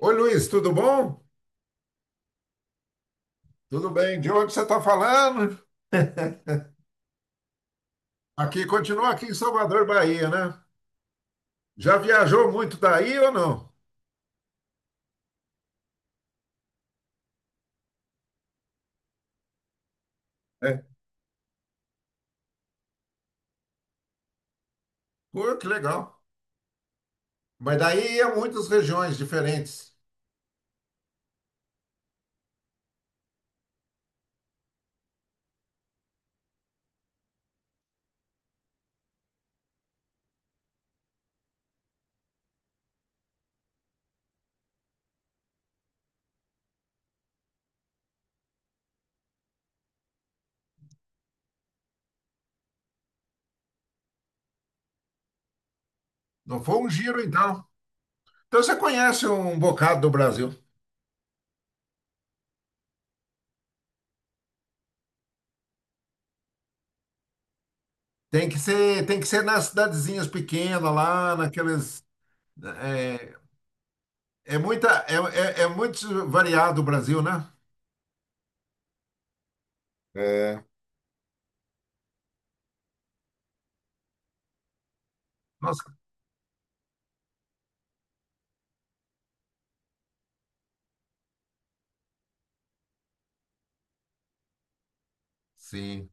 Oi, Luiz, tudo bom? Tudo bem? De onde você está falando? Aqui, continua aqui em Salvador, Bahia, né? Já viajou muito daí ou não? É. Pô, que legal. Mas daí ia muitas regiões diferentes. Não foi um giro, então. Então você conhece um bocado do Brasil. Tem que ser nas cidadezinhas pequenas, lá naqueles. É, é muita, é, é muito variado o Brasil, né? É. Nossa, sim.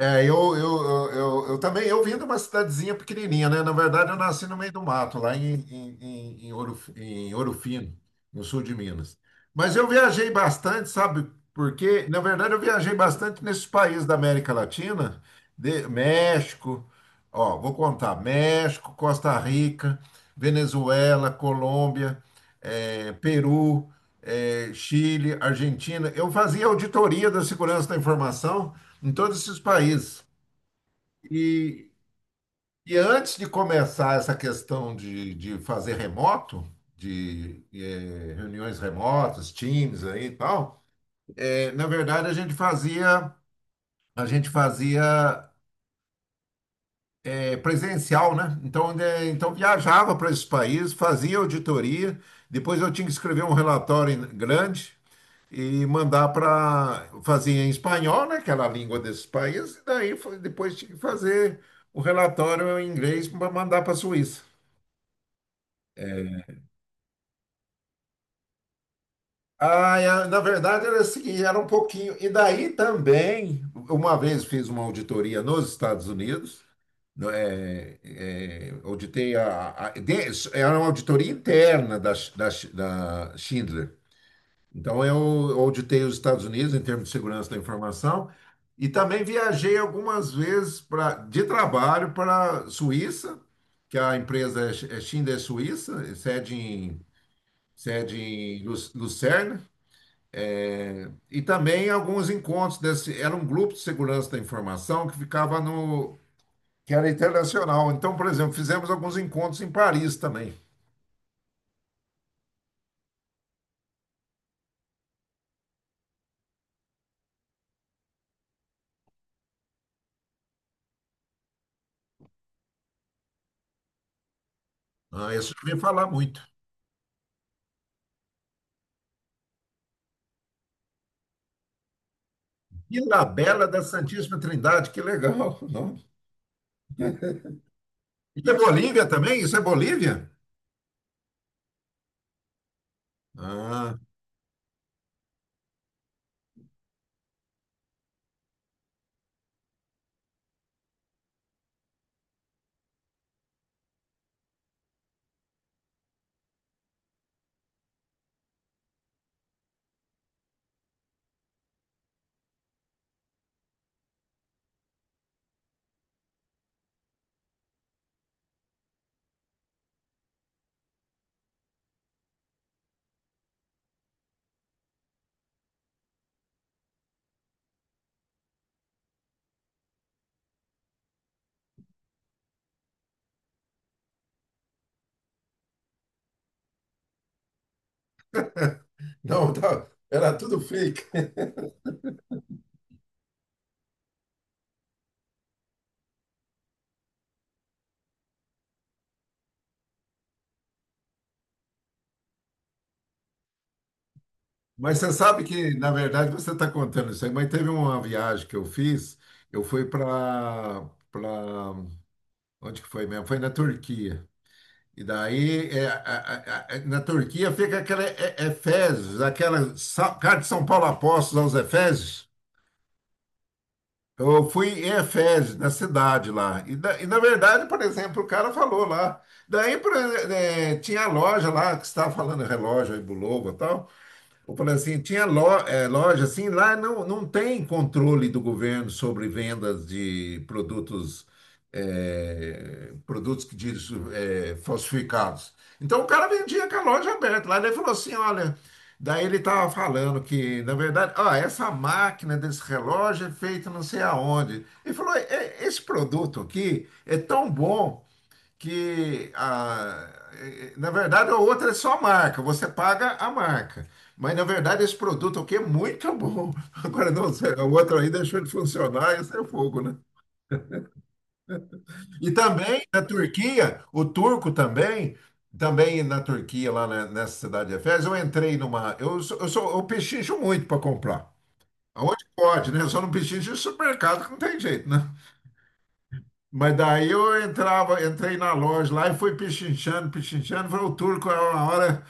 É, eu também, eu vim de uma cidadezinha pequenininha, né? Na verdade, eu nasci no meio do mato, lá em Ouro Fino, no sul de Minas. Mas eu viajei bastante, sabe? Porque, na verdade, eu viajei bastante nesses países da América Latina, México, ó, vou contar: México, Costa Rica, Venezuela, Colômbia, Peru, Chile, Argentina. Eu fazia auditoria da segurança da informação em todos esses países. E, e antes de começar essa questão de fazer remoto, de reuniões remotas, Teams aí e tal, na verdade a gente fazia presencial, né? Então, né, então viajava para esses países, fazia auditoria, depois eu tinha que escrever um relatório grande e mandar para fazer em espanhol, né, aquela língua desses países, e daí foi- depois tinha que fazer o relatório em inglês para mandar para a Suíça. Ah, é, na verdade era o seguinte, era um pouquinho. E daí também, uma vez fiz uma auditoria nos Estados Unidos, auditei era uma auditoria interna da Schindler. Então, eu auditei os Estados Unidos em termos de segurança da informação e também viajei algumas vezes pra, de trabalho para a Suíça, que a empresa é é Schindler Suíça, sede em, sede em Lucerne, é, e também alguns encontros desse. Era um grupo de segurança da informação que ficava no. Que era internacional. Então, por exemplo, fizemos alguns encontros em Paris também. Ah, isso eu ouvi falar muito. Ilhabela da Santíssima Trindade, que legal, não? Isso é Bolívia também? Isso é Bolívia? Ah, não, tá, era tudo fake. Mas você sabe que, na verdade, você está contando isso aí, mas teve uma viagem que eu fiz, eu fui para onde que foi mesmo? Foi na Turquia. E daí, na Turquia fica aquela, é Efésios, aquela carta de São Paulo Apóstolos aos Efésios. Eu fui em Efés, na cidade lá. E na verdade, por exemplo, o cara falou lá. Daí tinha a loja lá que você estava falando, relógio aí, Bulova e tal. Eu falei assim: tinha loja, assim, lá não, não tem controle do governo sobre vendas de produtos, produtos que diz, falsificados. Então o cara vendia com a loja aberta. Lá ele falou assim, olha, daí ele estava falando que, na verdade, ó, essa máquina desse relógio é feita não sei aonde. Ele falou: "É- esse produto aqui é tão bom que a- na verdade a outra é só marca, você paga a marca. Mas na verdade esse produto aqui é muito bom." Agora não, sei, a outra aí deixou de funcionar, isso é fogo, né? E também na Turquia, o turco também, também na Turquia, lá nessa cidade de Efes eu entrei numa. Eu pechincho muito para comprar. Aonde pode, né? Eu só não pechincho em supermercado, que não tem jeito, né? Mas daí eu entrava, entrei na loja lá e fui pichinchando, pichinchando. Falei, o turco, é uma hora,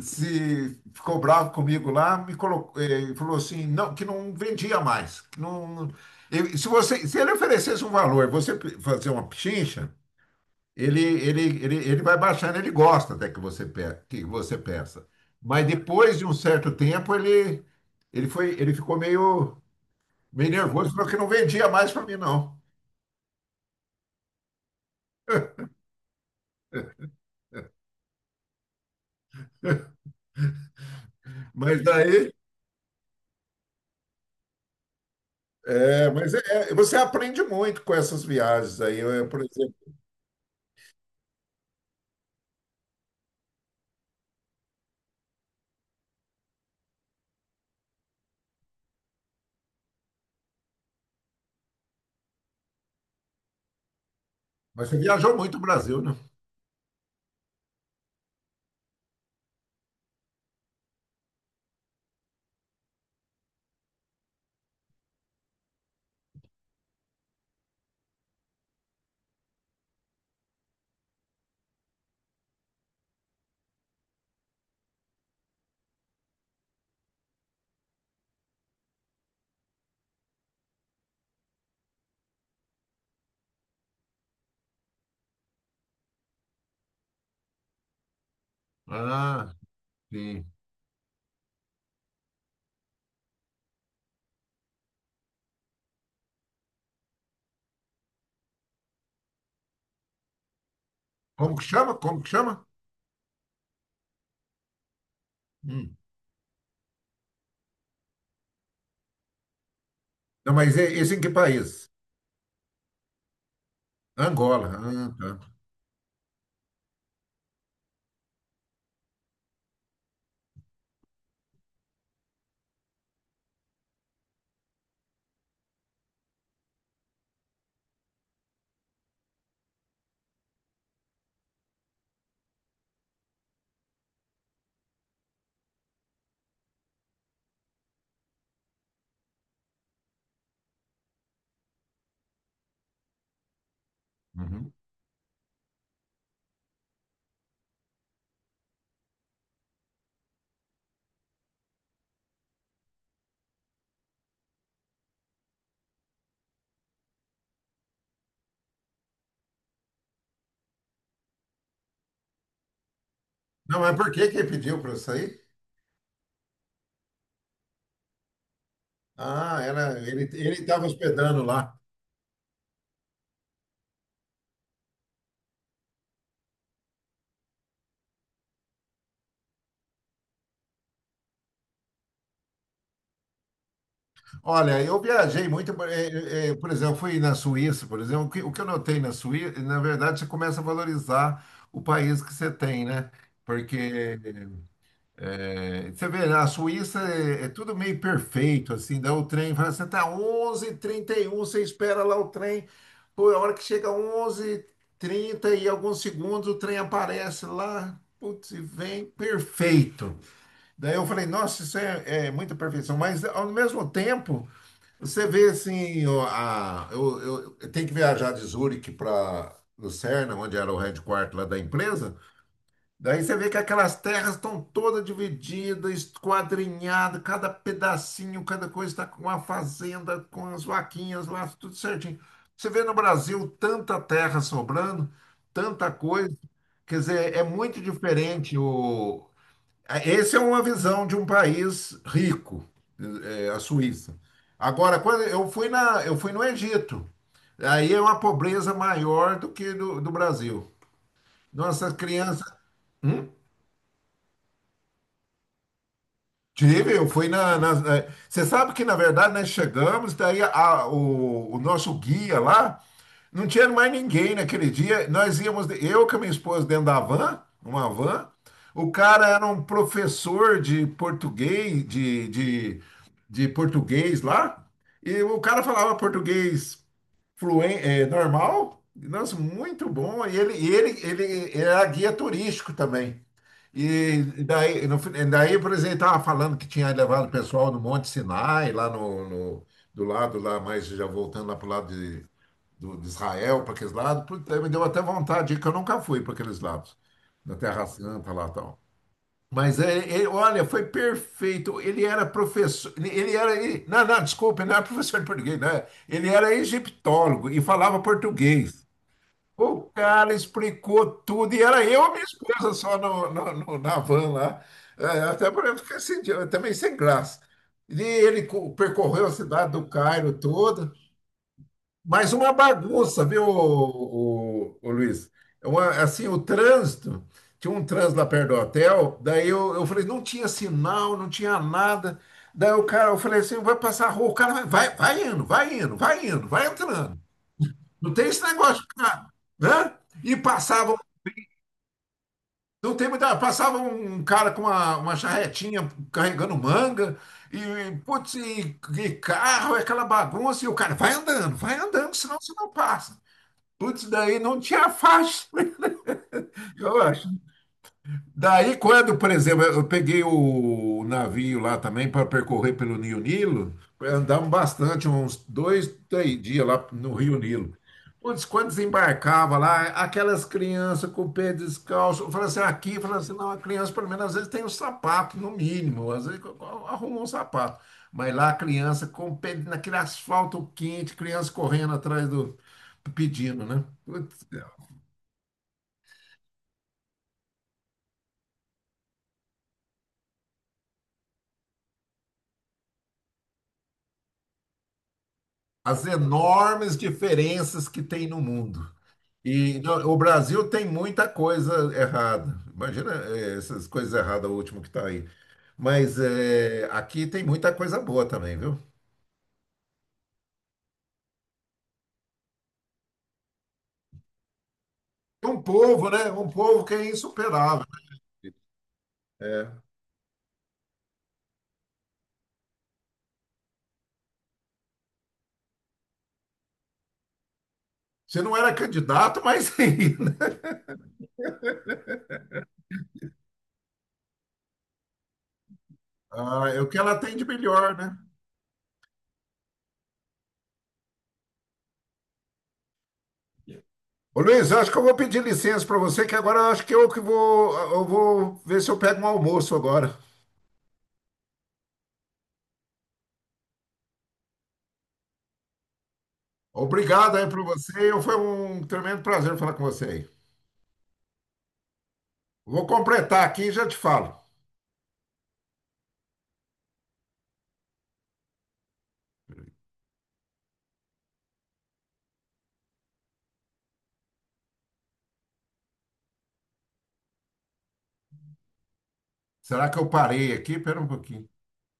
se ficou bravo comigo lá, me colocou, falou assim, não, que não vendia mais. Que não, se ele oferecesse um valor, você pe- fazer uma pechincha, ele vai baixando, ele gosta até que você, que você peça. Mas depois de um certo tempo, ele, ele ficou meio, meio nervoso, falou que não vendia mais para mim, não. Mas daí. É, mas você aprende muito com essas viagens aí. Eu, por exemplo, mas você viajou muito o Brasil, né? Ah, sim. Como que chama? Como que chama? Hum. Não, mas esse em que país? Angola. Ah, tá. Uhum. Não, mas por que que ele pediu para sair? Ah, era, ele ele estava hospedando lá. Olha, eu viajei muito, por exemplo, fui na Suíça, por exemplo. O que eu notei na Suíça, na verdade, você começa a valorizar o país que você tem, né? Porque. É, você vê, na Suíça é tudo meio perfeito, assim, dá o trem, fala, você tá 11h31, você espera lá o trem, pô, é a hora que chega 11h30 e 30 e alguns segundos, o trem aparece lá, putz, e vem perfeito. Daí eu falei, nossa, isso é muita perfeição, mas ao mesmo tempo, você vê assim, ó, a, eu tenho que viajar de Zurique para Lucerna, onde era o headquarter lá da empresa. Daí você vê que aquelas terras estão todas divididas, esquadrinhadas, cada pedacinho, cada coisa está com uma fazenda, com as vaquinhas lá, tudo certinho. Você vê no Brasil tanta terra sobrando, tanta coisa. Quer dizer, é muito diferente o... Essa é uma visão de um país rico, é, a Suíça. Agora, quando eu fui na, eu fui no Egito, aí é uma pobreza maior do que do, do Brasil. Nossas crianças... Hum? Tive, eu fui na, na- na-. Você sabe que, na verdade, nós chegamos, daí o nosso guia lá, não tinha mais ninguém naquele dia. Nós íamos, de- eu com a minha esposa dentro da van, uma van. O cara era um professor de português, de português lá, e o cara falava português normal. Nossa, muito bom. E ele era guia turístico também. E daí, no, fin- daí, por exemplo, ele estava falando que tinha levado o pessoal no Monte Sinai, lá do lado lá, mas já voltando lá para o lado de Israel, para aqueles lados. Puta, me deu até vontade de ir, que eu nunca fui para aqueles lados, na Terra Santa lá e tal. Mas olha, foi perfeito. Ele era professor, não, não, desculpa, ele não era professor de português, né? Ele era egiptólogo e falava português. O cara explicou tudo e era eu e minha esposa só na van lá. É, até para eu ficar sem, também sem graça. E ele percorreu a cidade do Cairo toda. Mas uma bagunça, viu, o, Luiz? É uma- assim, o trânsito, tinha um trânsito lá perto do hotel, daí eu falei, não tinha sinal, não tinha nada. Daí o cara, eu falei assim, vai passar a rua, o cara vai, vai, vai indo, vai indo, vai indo, vai entrando. Não tem esse negócio de ficar, né? E passava, não tem muita, passava um cara com uma charretinha carregando manga, e, putz, e carro, é aquela bagunça, e o cara vai andando, senão você não passa. Putz, daí não tinha faixa, eu acho. Daí, quando, por exemplo, eu peguei o navio lá também para percorrer pelo Rio Nilo, andamos bastante, uns 2, 3 dias lá no Rio Nilo. Putz, quando desembarcava lá, aquelas crianças com o pé descalço, eu falei assim, aqui, eu falei assim, não, a criança pelo menos às vezes tem um sapato, no mínimo, às vezes arrumou um sapato. Mas lá a criança com o pé naquele asfalto quente, criança correndo atrás do, pedindo, né? Putz, as enormes diferenças que tem no mundo. O Brasil tem muita coisa errada. Imagina, essas coisas erradas, o último que está aí. Mas aqui tem muita coisa boa também, viu? É um povo, né? Um povo que é insuperável. É. Você não era candidato, mas ainda. Ah, é o que ela tem de melhor, né? Ô Luiz, eu acho que eu vou pedir licença para você, que agora eu acho que eu que vou, eu vou ver se eu pego um almoço agora. Obrigado aí para você. Foi um tremendo prazer falar com você aí. Vou completar aqui e já te falo. Será que eu parei aqui? Pera um pouquinho.